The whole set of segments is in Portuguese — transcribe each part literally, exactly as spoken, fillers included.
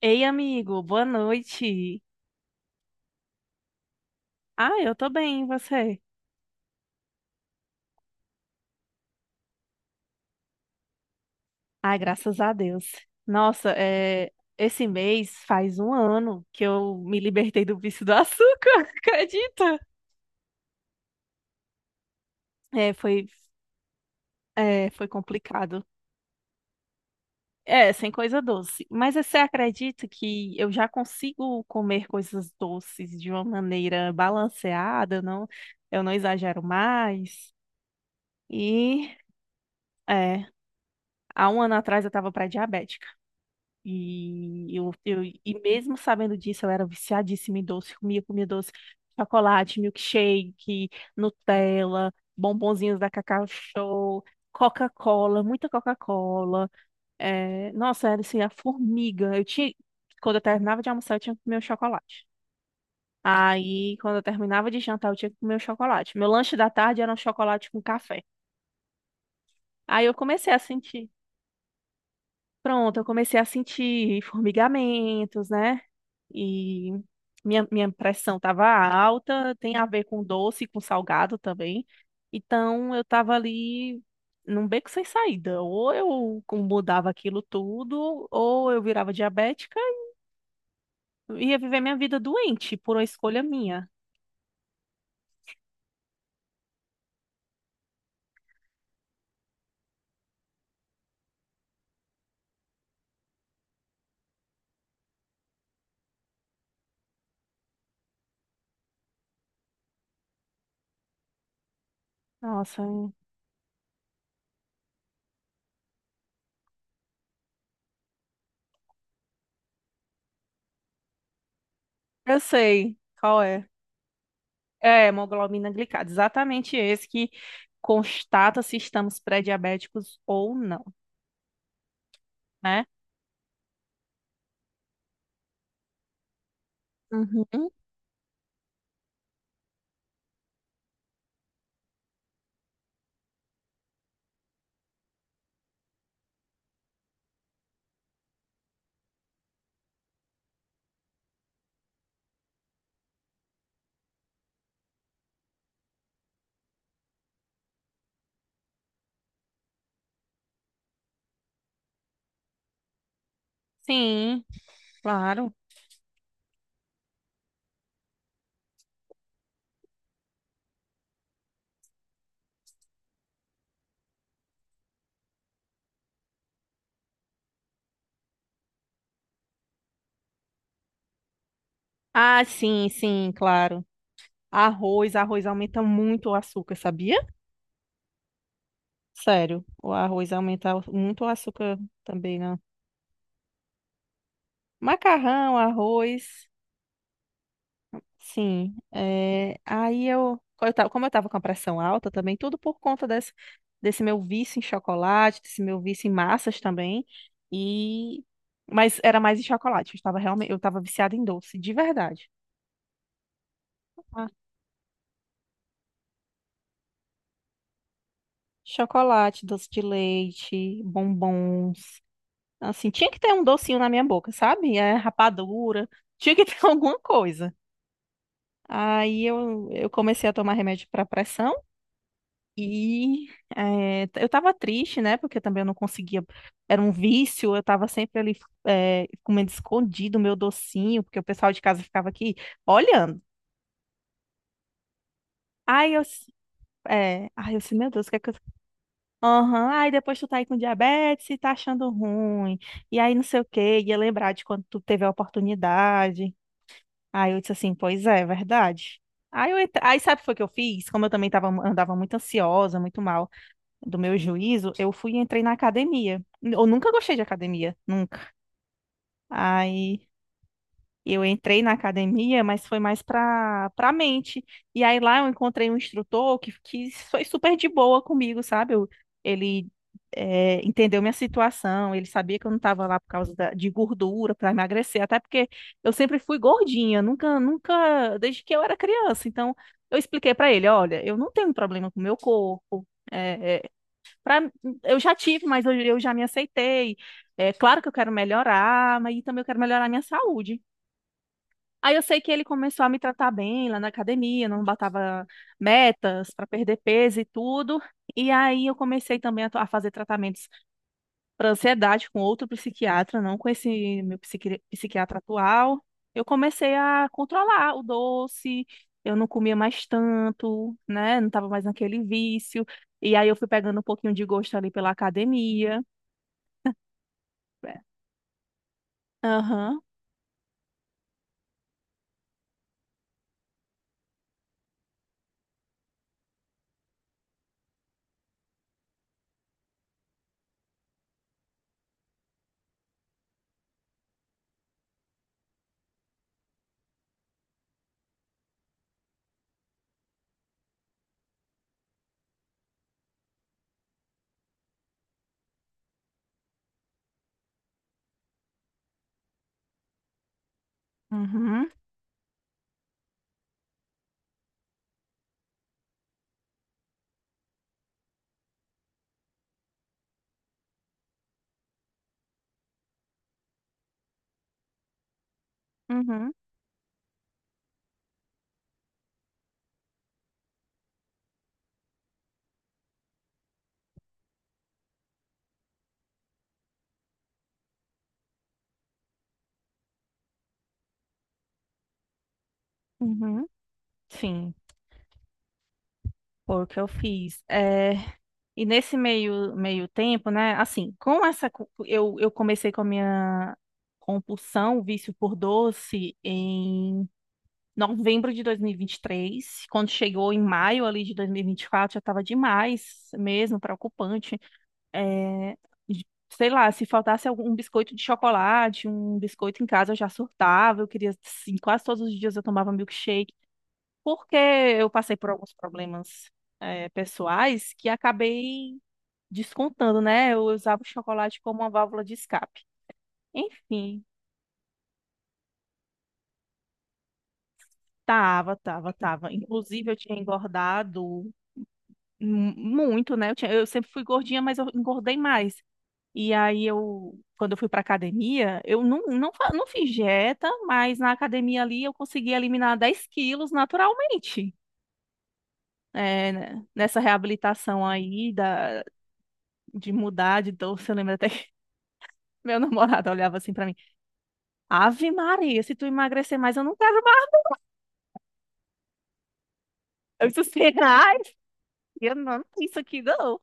Ei, amigo, boa noite. Ah, eu tô bem, e você? Ah, graças a Deus. Nossa, é, esse mês faz um ano que eu me libertei do vício do açúcar, acredita? É, foi, é, foi complicado. É, sem coisa doce. Mas você acredita que eu já consigo comer coisas doces de uma maneira balanceada, não? Eu não exagero mais. E, é, há um ano atrás eu estava pré-diabética. E eu, eu e mesmo sabendo disso, eu era viciadíssima em doce, comia, comia doce, chocolate, milkshake, Nutella, bombonzinhos da Cacau Show, Coca-Cola, muita Coca-Cola. É, nossa, era assim, a formiga. Eu tinha, quando eu terminava de almoçar, eu tinha que comer o chocolate. Aí, quando eu terminava de jantar, eu tinha que comer o chocolate. Meu lanche da tarde era um chocolate com café. Aí eu comecei a sentir. Pronto, eu comecei a sentir formigamentos, né? E minha, minha pressão estava alta, tem a ver com doce, com salgado também. Então eu estava ali num beco sem saída. Ou eu mudava aquilo tudo, ou eu virava diabética e ia viver minha vida doente por uma escolha minha. Nossa, eu sei qual é. É, hemoglobina glicada, exatamente esse que constata se estamos pré-diabéticos ou não, né? Uhum. Sim, claro. Ah, sim, sim, claro. Arroz, arroz aumenta muito o açúcar, sabia? Sério, o arroz aumenta muito o açúcar também, né? Macarrão, arroz, sim. É, aí eu, eu tava- como eu tava com a pressão alta também, tudo por conta desse, desse meu vício em chocolate, desse meu vício em massas também, e... Mas era mais em chocolate, eu estava realmente, eu estava viciada em doce, de verdade. Chocolate, doce de leite, bombons. Assim, tinha que ter um docinho na minha boca, sabe? É, rapadura. Tinha que ter alguma coisa. Aí eu, eu comecei a tomar remédio para pressão e é, eu tava triste, né? Porque também eu não conseguia. Era um vício, eu tava sempre ali é, comendo escondido o meu docinho, porque o pessoal de casa ficava aqui olhando. Aí eu, s- é, aí eu disse, meu Deus, o que é que eu. Aham. Aí depois tu tá aí com diabetes e tá achando ruim. E aí não sei o quê, ia lembrar de quando tu teve a oportunidade. Aí eu disse assim, pois é, é verdade. Aí, eu, entra- aí sabe o que foi que eu fiz? Como eu também tava, andava muito ansiosa, muito mal do meu juízo, eu fui e entrei na academia. Eu nunca gostei de academia, nunca. Aí eu entrei na academia, mas foi mais para para mente. E aí lá eu encontrei um instrutor que, que foi super de boa comigo, sabe? Eu- ele eh, entendeu minha situação, ele sabia que eu não estava lá por causa da- de gordura para emagrecer, até porque eu sempre fui gordinha, nunca, nunca, desde que eu era criança. Então eu expliquei para ele, olha, eu não tenho problema com o meu corpo. é eh, pra- eu já tive, mas eu, eu já me aceitei. É claro que eu quero melhorar, mas também eu quero melhorar a minha saúde. Aí eu sei que ele começou a me tratar bem lá na academia, não batava metas para perder peso e tudo. E aí eu comecei também a, to- a fazer tratamentos para ansiedade com outro psiquiatra, não com esse meu psiqui- psiquiatra atual. Eu comecei a controlar o doce, eu não comia mais tanto, né? Não estava mais naquele vício. E aí eu fui pegando um pouquinho de gosto ali pela academia. É. Aham, uhum, uhum, uhum, sim, foi o que eu fiz. É. E nesse meio, meio tempo, né? Assim, com essa. cu- Eu, eu comecei com a minha compulsão, o vício por doce, em novembro de dois mil e e vinte e três. Quando chegou em maio ali de dois mil e e vinte e quatro, já estava demais mesmo, preocupante. É, de- sei lá, se faltasse algum um biscoito de chocolate, um biscoito em casa, eu já surtava. Eu queria, assim, quase todos os dias eu tomava milkshake. Porque eu passei por alguns problemas é, pessoais que acabei descontando, né? Eu usava o chocolate como uma válvula de escape. Enfim, tava, tava, tava. Inclusive, eu tinha engordado mu- muito, né? Eu tinha- eu sempre fui gordinha, mas eu engordei mais. E aí, eu, quando eu fui pra academia, eu não, não, fa- não fiz dieta, mas na academia ali eu consegui eliminar dez quilos naturalmente. É, né? Nessa reabilitação aí da, de mudar de doce, eu lembro até que meu namorado olhava assim pra mim, Ave Maria, se tu emagrecer mais, eu não quero. Eu disse assim, ai, eu não amo isso aqui não.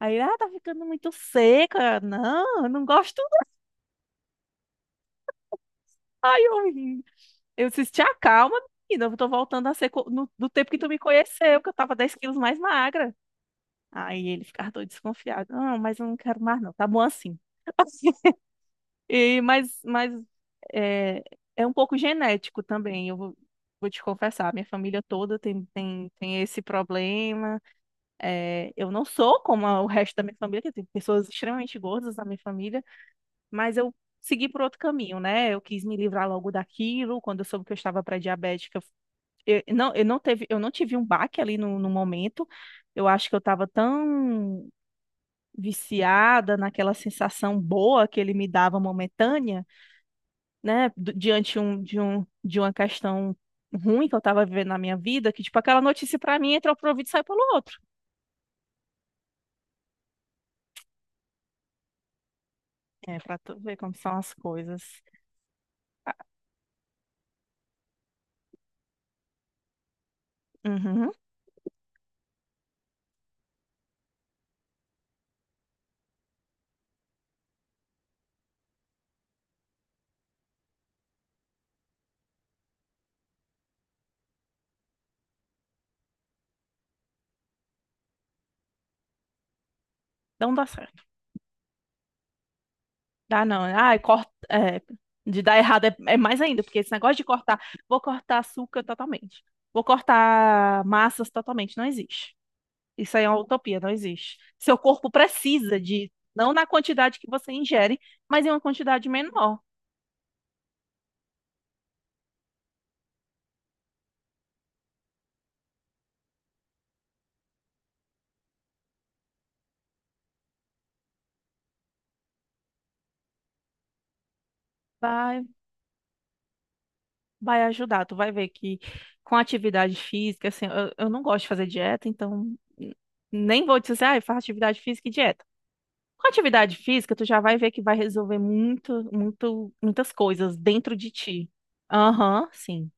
Aí, ele, ah, tá ficando muito seca. Não, eu não gosto não. Aí eu, ri. Eu disse, te acalma, menina, eu tô voltando a ser co- no, do tempo que tu me conheceu, que eu tava dez quilos mais magra. Aí ele ficava todo desconfiado. Não, mas eu não quero mais não, tá bom assim. E, mas mas é, é um pouco genético também, eu vou, vou te confessar. Minha família toda tem, tem, tem esse problema. É, eu não sou como a- o resto da minha família, que tem pessoas extremamente gordas na minha família, mas eu segui por outro caminho, né? Eu quis me livrar logo daquilo. Quando eu soube que eu estava pré-diabética, eu eu não, eu não teve, eu não tive um baque ali no, no momento. Eu acho que eu estava tão viciada naquela sensação boa que ele me dava momentânea, né? do- Diante um, de um, de uma questão ruim que eu estava vivendo na minha vida, que tipo aquela notícia para mim entra por um ouvido e sai pelo outro. É, para tu ver como são as coisas. Uhum. Não dá certo. Dá não. Ai, corta. É, de dar errado é, é mais ainda, porque esse negócio de cortar. Vou cortar açúcar totalmente. Vou cortar massas totalmente. Não existe. Isso aí é uma utopia, não existe. Seu corpo precisa de. Não na quantidade que você ingere, mas em uma quantidade menor. Vai, vai ajudar. Tu vai ver que com atividade física, assim, eu, eu não gosto de fazer dieta, então. n- Nem vou dizer, ah, eu faço atividade física e dieta. Com atividade física, tu já vai ver que vai resolver muito, muito, muitas coisas dentro de ti. Aham, sim,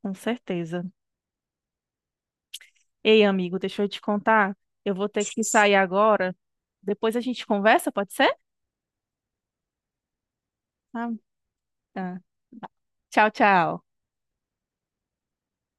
com certeza. Ei, amigo, deixa eu te contar. Eu vou ter que sair agora. Depois a gente conversa, pode ser? Ah, tá. Tchau, tchau.